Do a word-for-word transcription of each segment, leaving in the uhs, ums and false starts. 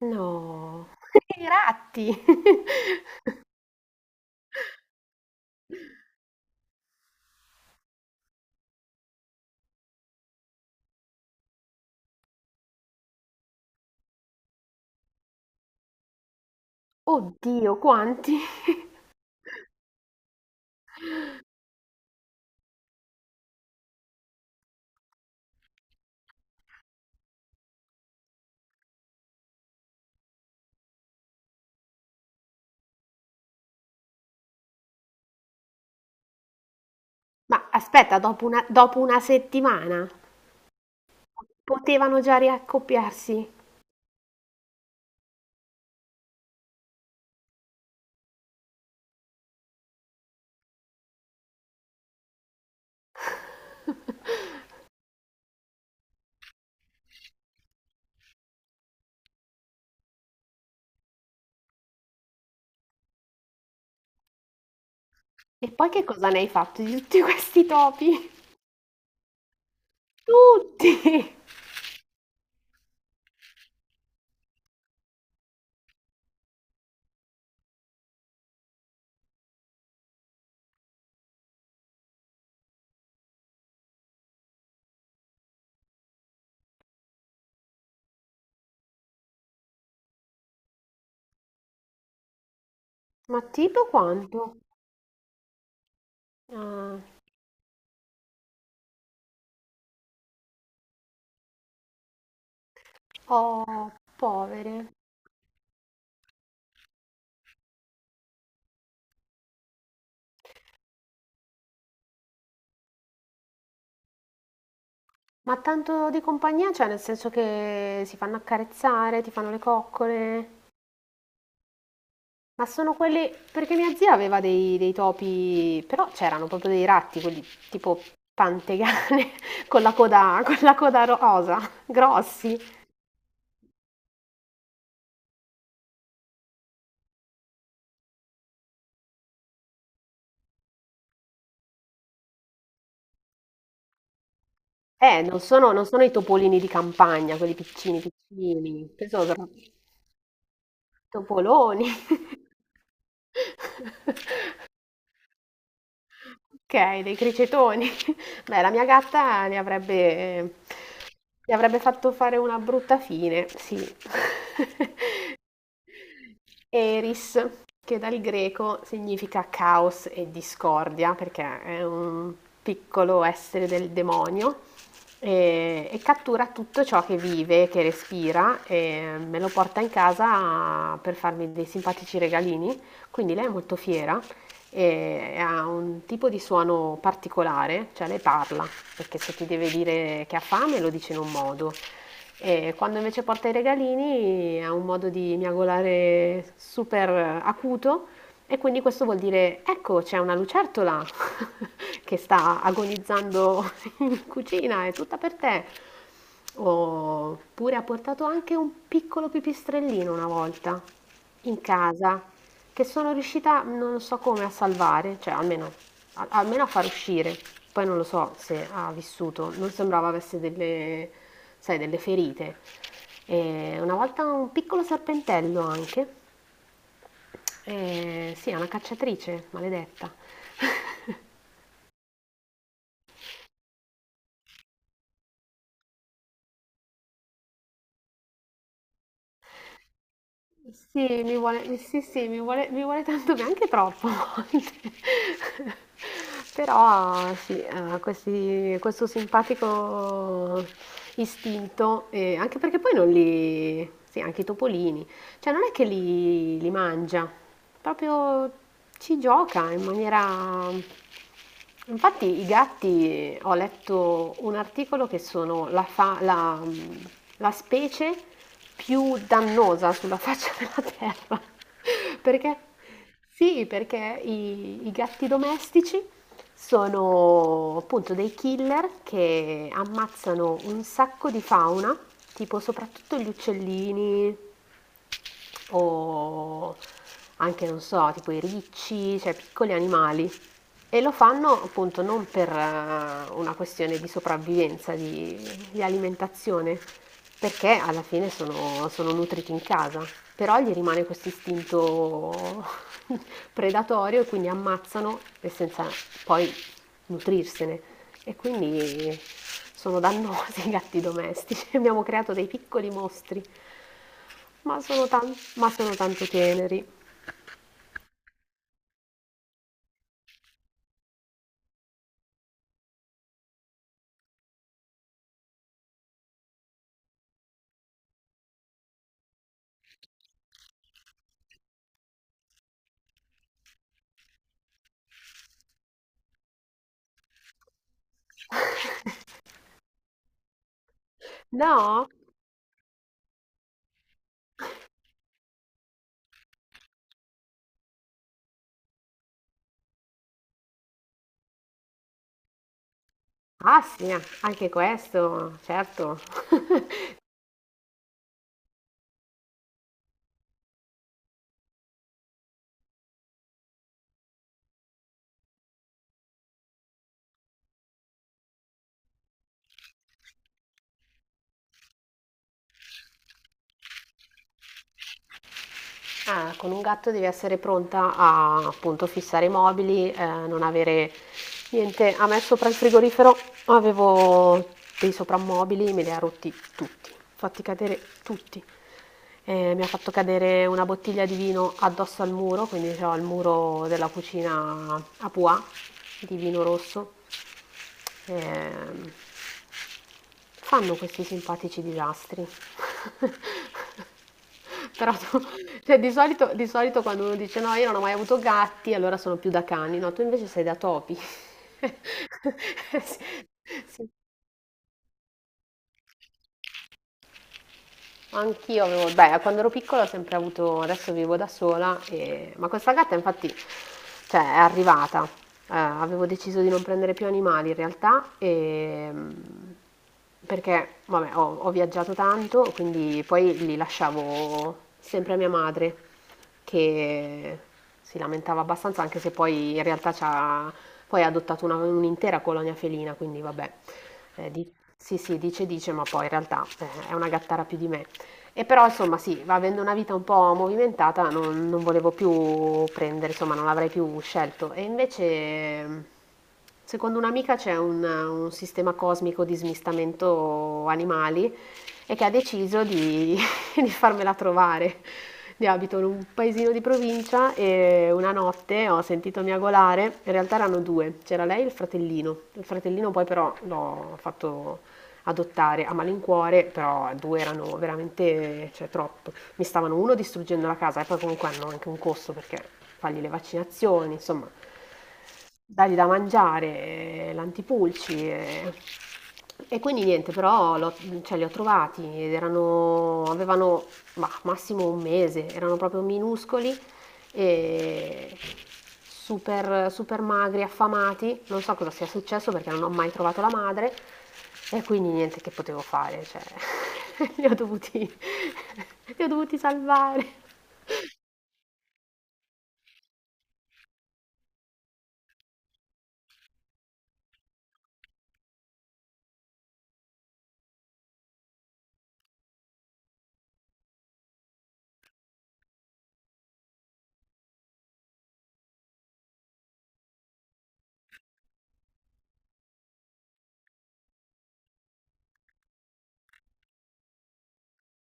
No, i ratti! Oddio, quanti? Ma aspetta, dopo una, dopo una settimana potevano già riaccoppiarsi. E poi che cosa ne hai fatto di tutti questi topi? Tutti! Ma tipo quanto? Ah, oh, povere. Ma tanto di compagnia, cioè nel senso che si fanno accarezzare, ti fanno le coccole. Ma sono quelli perché mia zia aveva dei dei topi, però c'erano proprio dei ratti, quelli tipo pantegane con la coda con la coda rosa, grossi. Eh, non sono non sono i topolini di campagna, quelli piccini piccini, penso sono topoloni. Okay, dei cricetoni. Beh, la mia gatta ne avrebbe gli avrebbe fatto fare una brutta fine, sì. Eris, che dal greco significa caos e discordia, perché è un piccolo essere del demonio e, e cattura tutto ciò che vive, che respira e me lo porta in casa per farmi dei simpatici regalini. Quindi lei è molto fiera e ha un tipo di suono particolare, cioè lei parla, perché se ti deve dire che ha fame lo dice in un modo, e quando invece porta i regalini ha un modo di miagolare super acuto e quindi questo vuol dire ecco c'è una lucertola che sta agonizzando in cucina, è tutta per te. Oppure ha portato anche un piccolo pipistrellino una volta in casa che sono riuscita non so come a salvare, cioè almeno al- almeno a far uscire. Poi non lo so se ha vissuto, non sembrava avesse delle, sai, delle ferite. E una volta un piccolo serpentello anche. E sì, è una cacciatrice, maledetta. Sì, mi vuole sì, sì, mi vuole mi vuole tanto bene, anche troppo a volte. Però sì, ha questi questo simpatico istinto, ehm, anche perché poi non li sì, anche i topolini, cioè non è che li li mangia. Proprio ci gioca in maniera. Infatti i gatti, ho letto un articolo che sono la, fa- la- la specie più dannosa sulla faccia della terra. Perché? Sì, perché i, i gatti domestici sono appunto dei killer che ammazzano un sacco di fauna, tipo soprattutto gli uccellini, o anche, non so, tipo i ricci, cioè piccoli animali e lo fanno appunto non per eh, una questione di sopravvivenza, di, di alimentazione, perché alla fine sono, sono nutriti in casa, però gli rimane questo istinto predatorio e quindi ammazzano e senza poi nutrirsene. E quindi sono dannosi i gatti domestici, abbiamo creato dei piccoli mostri, ma sono, tan- ma sono tanto teneri. No? Asnia, anche questo, certo. Ah, con un gatto devi essere pronta a appunto fissare i mobili, eh, non avere niente. A me sopra il frigorifero avevo dei soprammobili, me li ha rotti tutti, fatti cadere tutti. Eh, mi ha fatto cadere una bottiglia di vino addosso al muro, quindi ho il muro della cucina a Pua di vino rosso. Ehm, Fanno questi simpatici disastri. Però tu- cioè, di solito, di solito quando uno dice no, io non ho mai avuto gatti, allora sono più da cani, no, tu invece sei da topi. Sì, anch'io avevo, beh, quando ero piccola ho sempre avuto, adesso vivo da sola, e- ma questa gatta infatti, cioè, è arrivata. Eh, avevo deciso di non prendere più animali in realtà, e, perché, vabbè, ho, ho viaggiato tanto, quindi poi li lasciavo sempre a mia madre, che si lamentava abbastanza, anche se poi in realtà c'ha, poi ha adottato una- un'intera colonia felina, quindi vabbè, eh, di- sì sì, dice dice, ma poi in realtà eh, è una gattara più di me. E però insomma sì, va avendo una vita un po' movimentata, non, non volevo più prendere, insomma non l'avrei più scelto. E invece, secondo un'amica c'è un, un sistema cosmico di smistamento animali e che ha deciso di, di farmela trovare. Io abito in un paesino di provincia e una notte ho sentito miagolare, in realtà erano due, c'era lei e il fratellino. Il fratellino poi però l'ho fatto adottare a malincuore, però due erano veramente, cioè, troppo. Mi stavano uno distruggendo la casa e poi comunque hanno anche un costo perché fargli le vaccinazioni, insomma, dargli da mangiare, eh, l'antipulci. Eh. E quindi niente, però l'ho- cioè, li ho trovati ed erano, avevano ma, massimo un mese, erano proprio minuscoli e super, super magri, affamati, non so cosa sia successo perché non ho mai trovato la madre e quindi niente che potevo fare, cioè li ho dovuti, li ho dovuti salvare.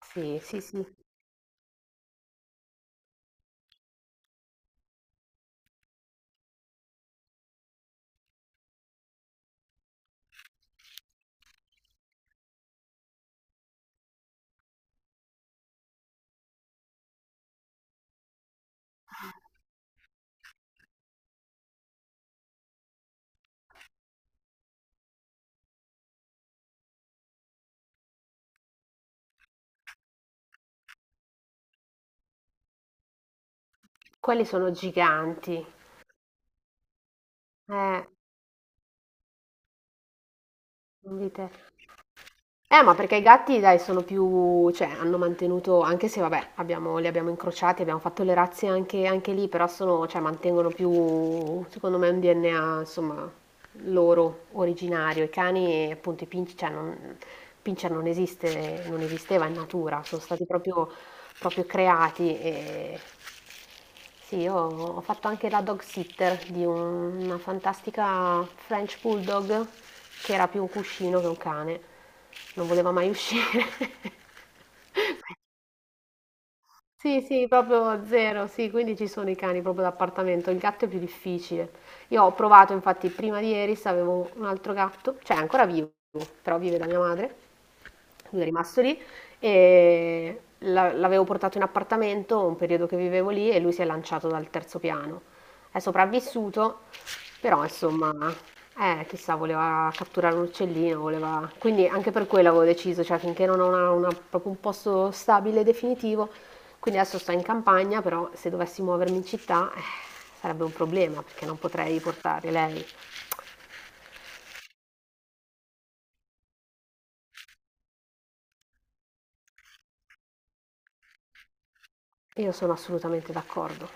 Sì, sì, sì, quelli sono giganti, eh, non dite. Eh, ma perché i gatti, dai, sono più, cioè, hanno mantenuto, anche se vabbè, abbiamo, li abbiamo incrociati, abbiamo fatto le razze anche, anche lì, però sono, cioè, mantengono più, secondo me, un D N A, insomma, loro originario. I cani, appunto, i pincher, cioè, non, pincher non esiste, non esisteva in natura, sono stati proprio, proprio creati e sì, io ho fatto anche la dog sitter di un- una fantastica French Bulldog che era più un cuscino che un cane. Non voleva mai uscire. Sì, sì, proprio zero, sì, quindi ci sono i cani proprio d'appartamento, il gatto è più difficile. Io ho provato, infatti, prima di ieri avevo un altro gatto, cioè è ancora vivo, però vive da mia madre, lui è rimasto lì e la- l'avevo portato in appartamento un periodo che vivevo lì e lui si è lanciato dal terzo piano. È sopravvissuto, però insomma, eh, chissà, voleva catturare un uccellino, voleva. Quindi anche per quello avevo deciso, cioè finché non ho una- una- proprio un posto stabile e definitivo, quindi adesso sto in campagna, però se dovessi muovermi in città, eh, sarebbe un problema perché non potrei portare lei. Io sono assolutamente d'accordo.